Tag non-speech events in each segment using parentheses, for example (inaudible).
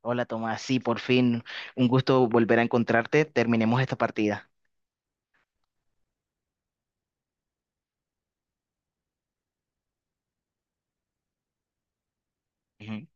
Hola Tomás, sí, por fin, un gusto volver a encontrarte. Terminemos esta partida. Ujú.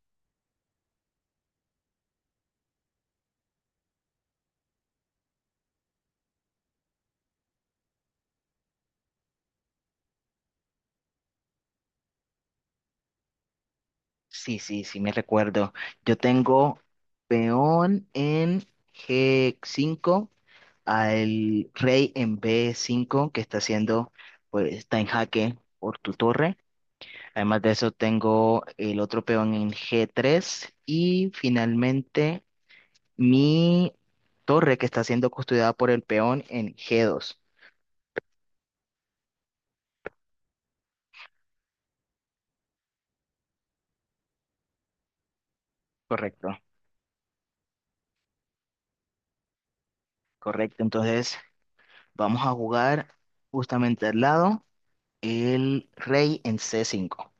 Sí, sí, sí, me recuerdo. Yo tengo peón en G5, al rey en B5, que está haciendo, pues está en jaque por tu torre. Además de eso, tengo el otro peón en G3 y finalmente mi torre que está siendo custodiada por el peón en G2. Correcto. Correcto, entonces vamos a jugar justamente al lado el rey en c cinco.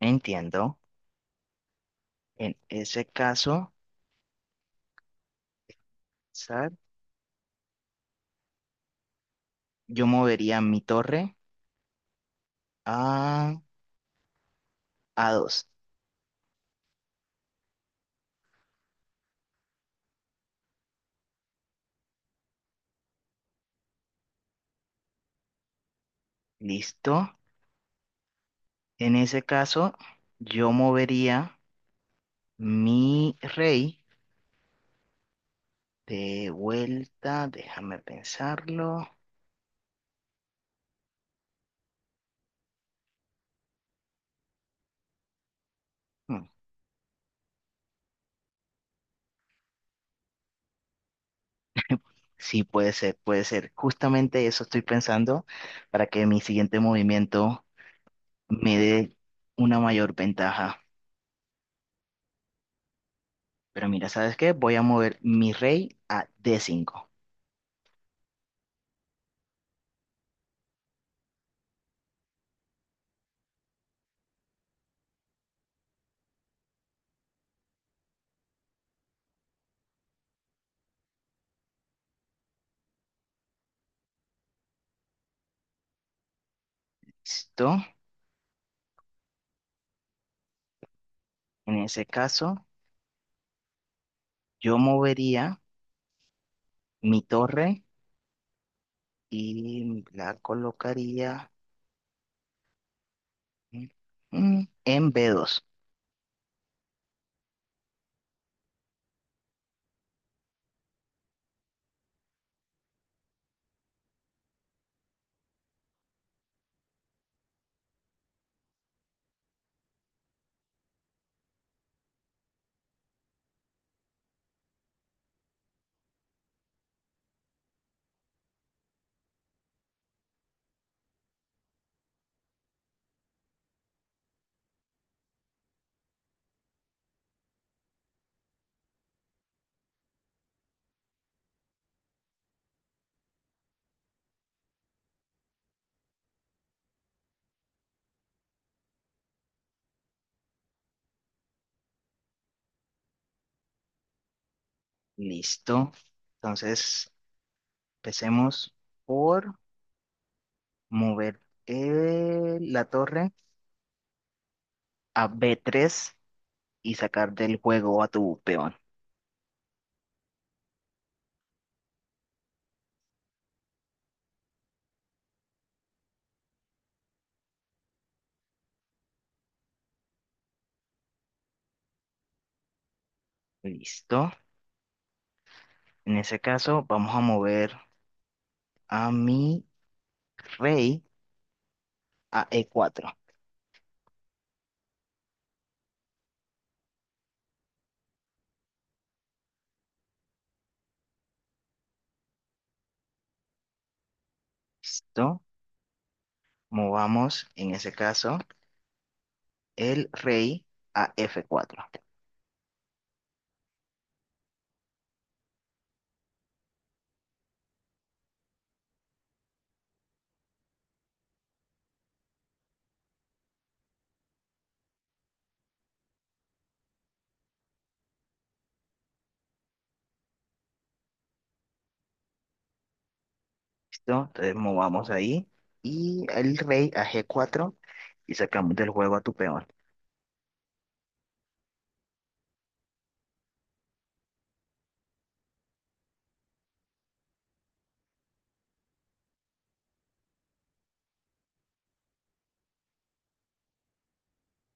Entiendo. En ese caso, zar, yo movería mi torre a A2. Listo. En ese caso, yo movería mi rey de vuelta. Déjame pensarlo. Hmm, Sí, puede ser, puede ser. Justamente eso estoy pensando para que mi siguiente movimiento me dé una mayor ventaja. Pero mira, ¿sabes qué? Voy a mover mi rey a d cinco. ¿Listo? En ese caso, yo movería mi torre y la colocaría, mm, en b dos. Listo. Entonces, empecemos por mover la torre a b tres y sacar del juego a tu peón. Listo. En ese caso, vamos a mover a mi rey a e cuatro. ¿Listo? Movamos en ese caso el rey a F4. ¿Listo? Entonces movamos ahí y el rey a G4 y sacamos del juego a tu peón.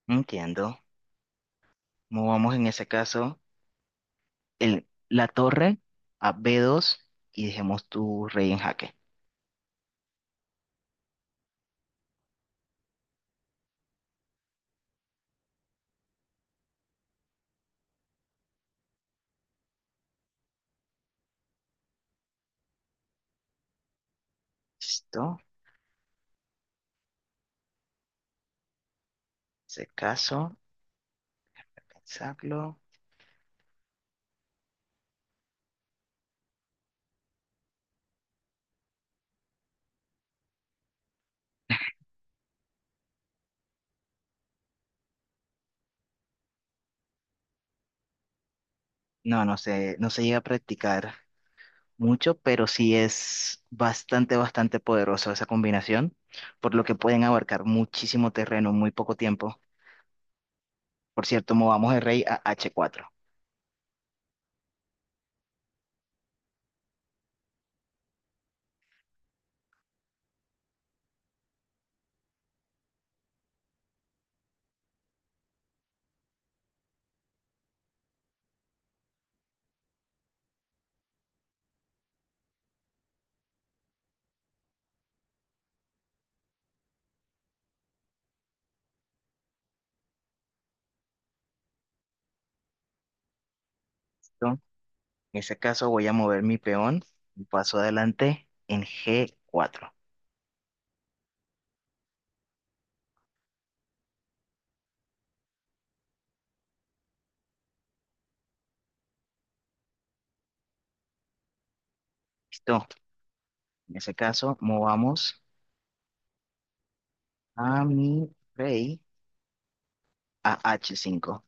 Entiendo. Movamos en ese caso la torre a B2 y dejemos tu rey en jaque. ¿Listo? En ese caso, pensarlo. No se llega a practicar mucho, pero sí es bastante, bastante poderoso esa combinación, por lo que pueden abarcar muchísimo terreno en muy poco tiempo. Por cierto, movamos el rey a H4. ¿Listo? En ese caso voy a mover mi peón un paso adelante en G4. ¿Listo? En ese caso, movamos a mi rey a H5.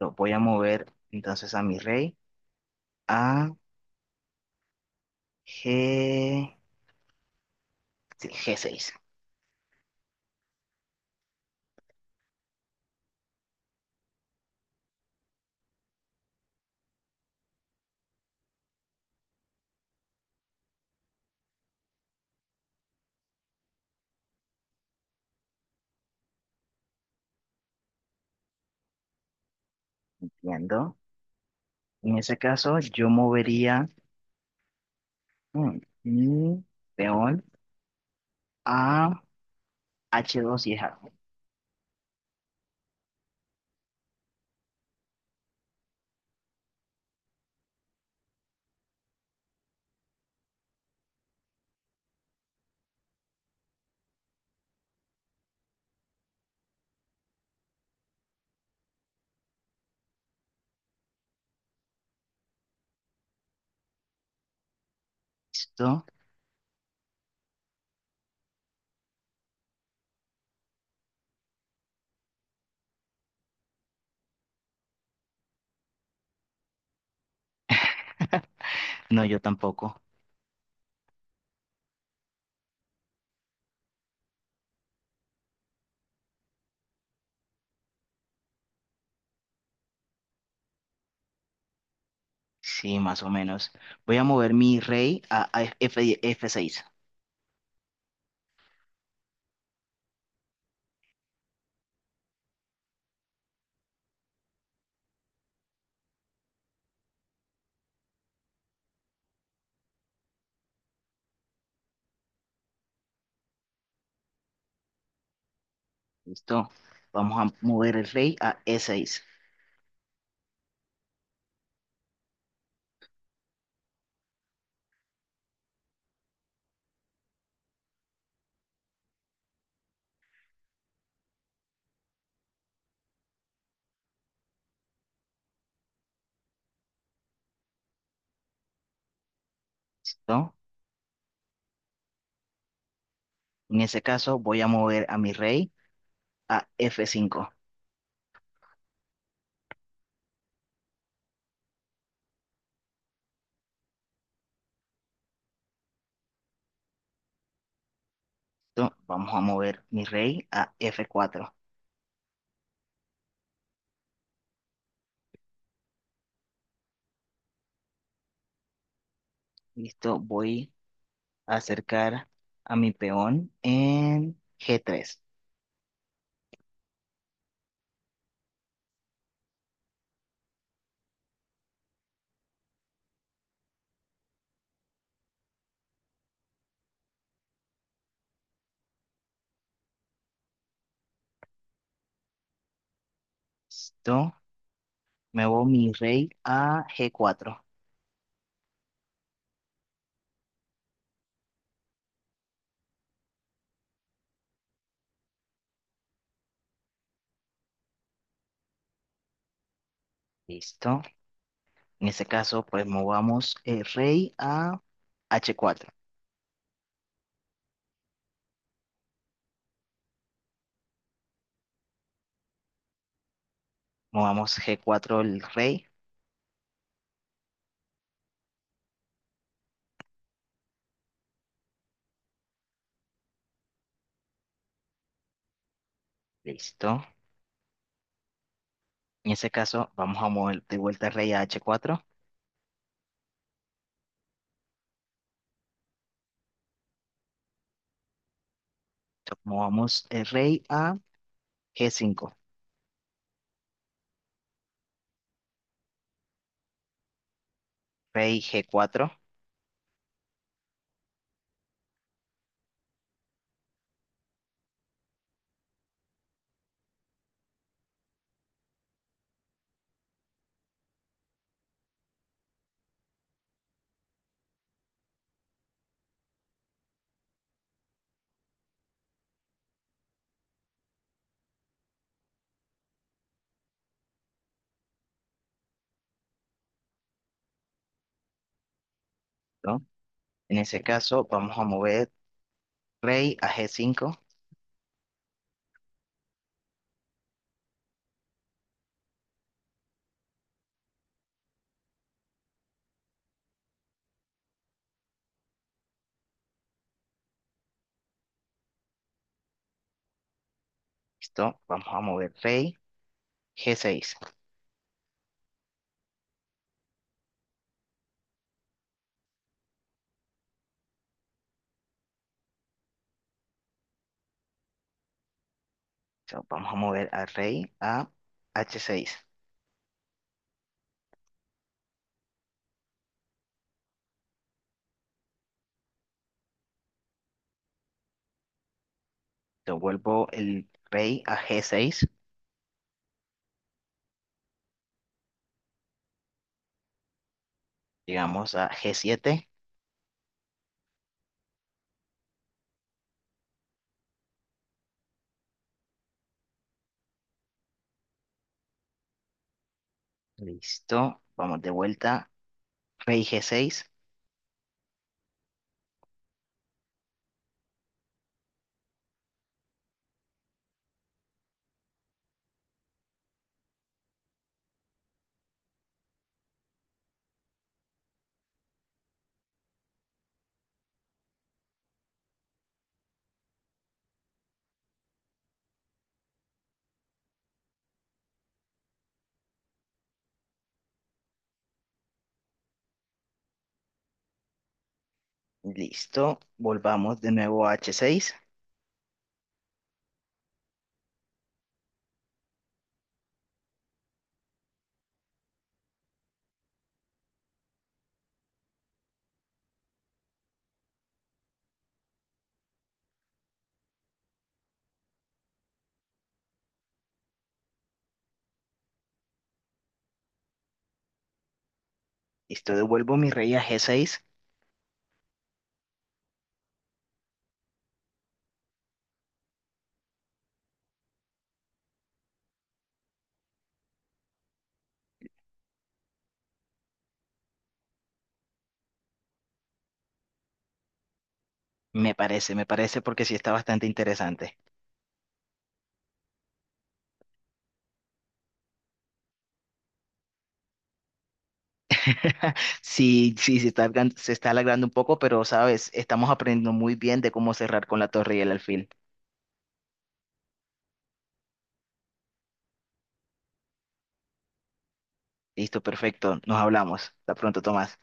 Lo voy a mover entonces a mi rey a G... sí, G6. Entiendo. En ese caso, yo movería, Mm, mm, León a H2 y es algo. ¿Listo? (laughs) No, yo tampoco. Sí, más o menos. Voy a mover mi rey a F6. ¿Listo? Vamos a mover el rey a E6. ¿Listo? En ese caso, voy a mover a mi rey a F5. ¿Listo? Vamos a mover mi rey a F4. ¿Listo? Voy a acercar a mi peón en G3. ¿Listo? Muevo mi rey a g cuatro. Listo. En este caso, pues movamos el rey a h cuatro. Movamos g cuatro el rey. Listo. En este caso, vamos a mover de vuelta el rey a h cuatro. Entonces, movamos el rey a g cinco. Rey g cuatro. ¿No? En ese caso, vamos a mover rey a g cinco. Listo. Vamos a mover rey g seis. Entonces, vamos a mover al rey a h seis. Yo vuelvo el rey a g seis. Llegamos a G7. Listo. Vamos de vuelta. Rey G6. Listo. Volvamos de nuevo a H6. Listo. Devuelvo mi rey a G6. Me parece porque sí está bastante interesante. (laughs) Sí, sí, se está, se está alargando un poco, pero sabes, estamos aprendiendo muy bien de cómo cerrar con la torre y el alfil. Listo, perfecto. Nos hablamos. Hasta pronto, Tomás.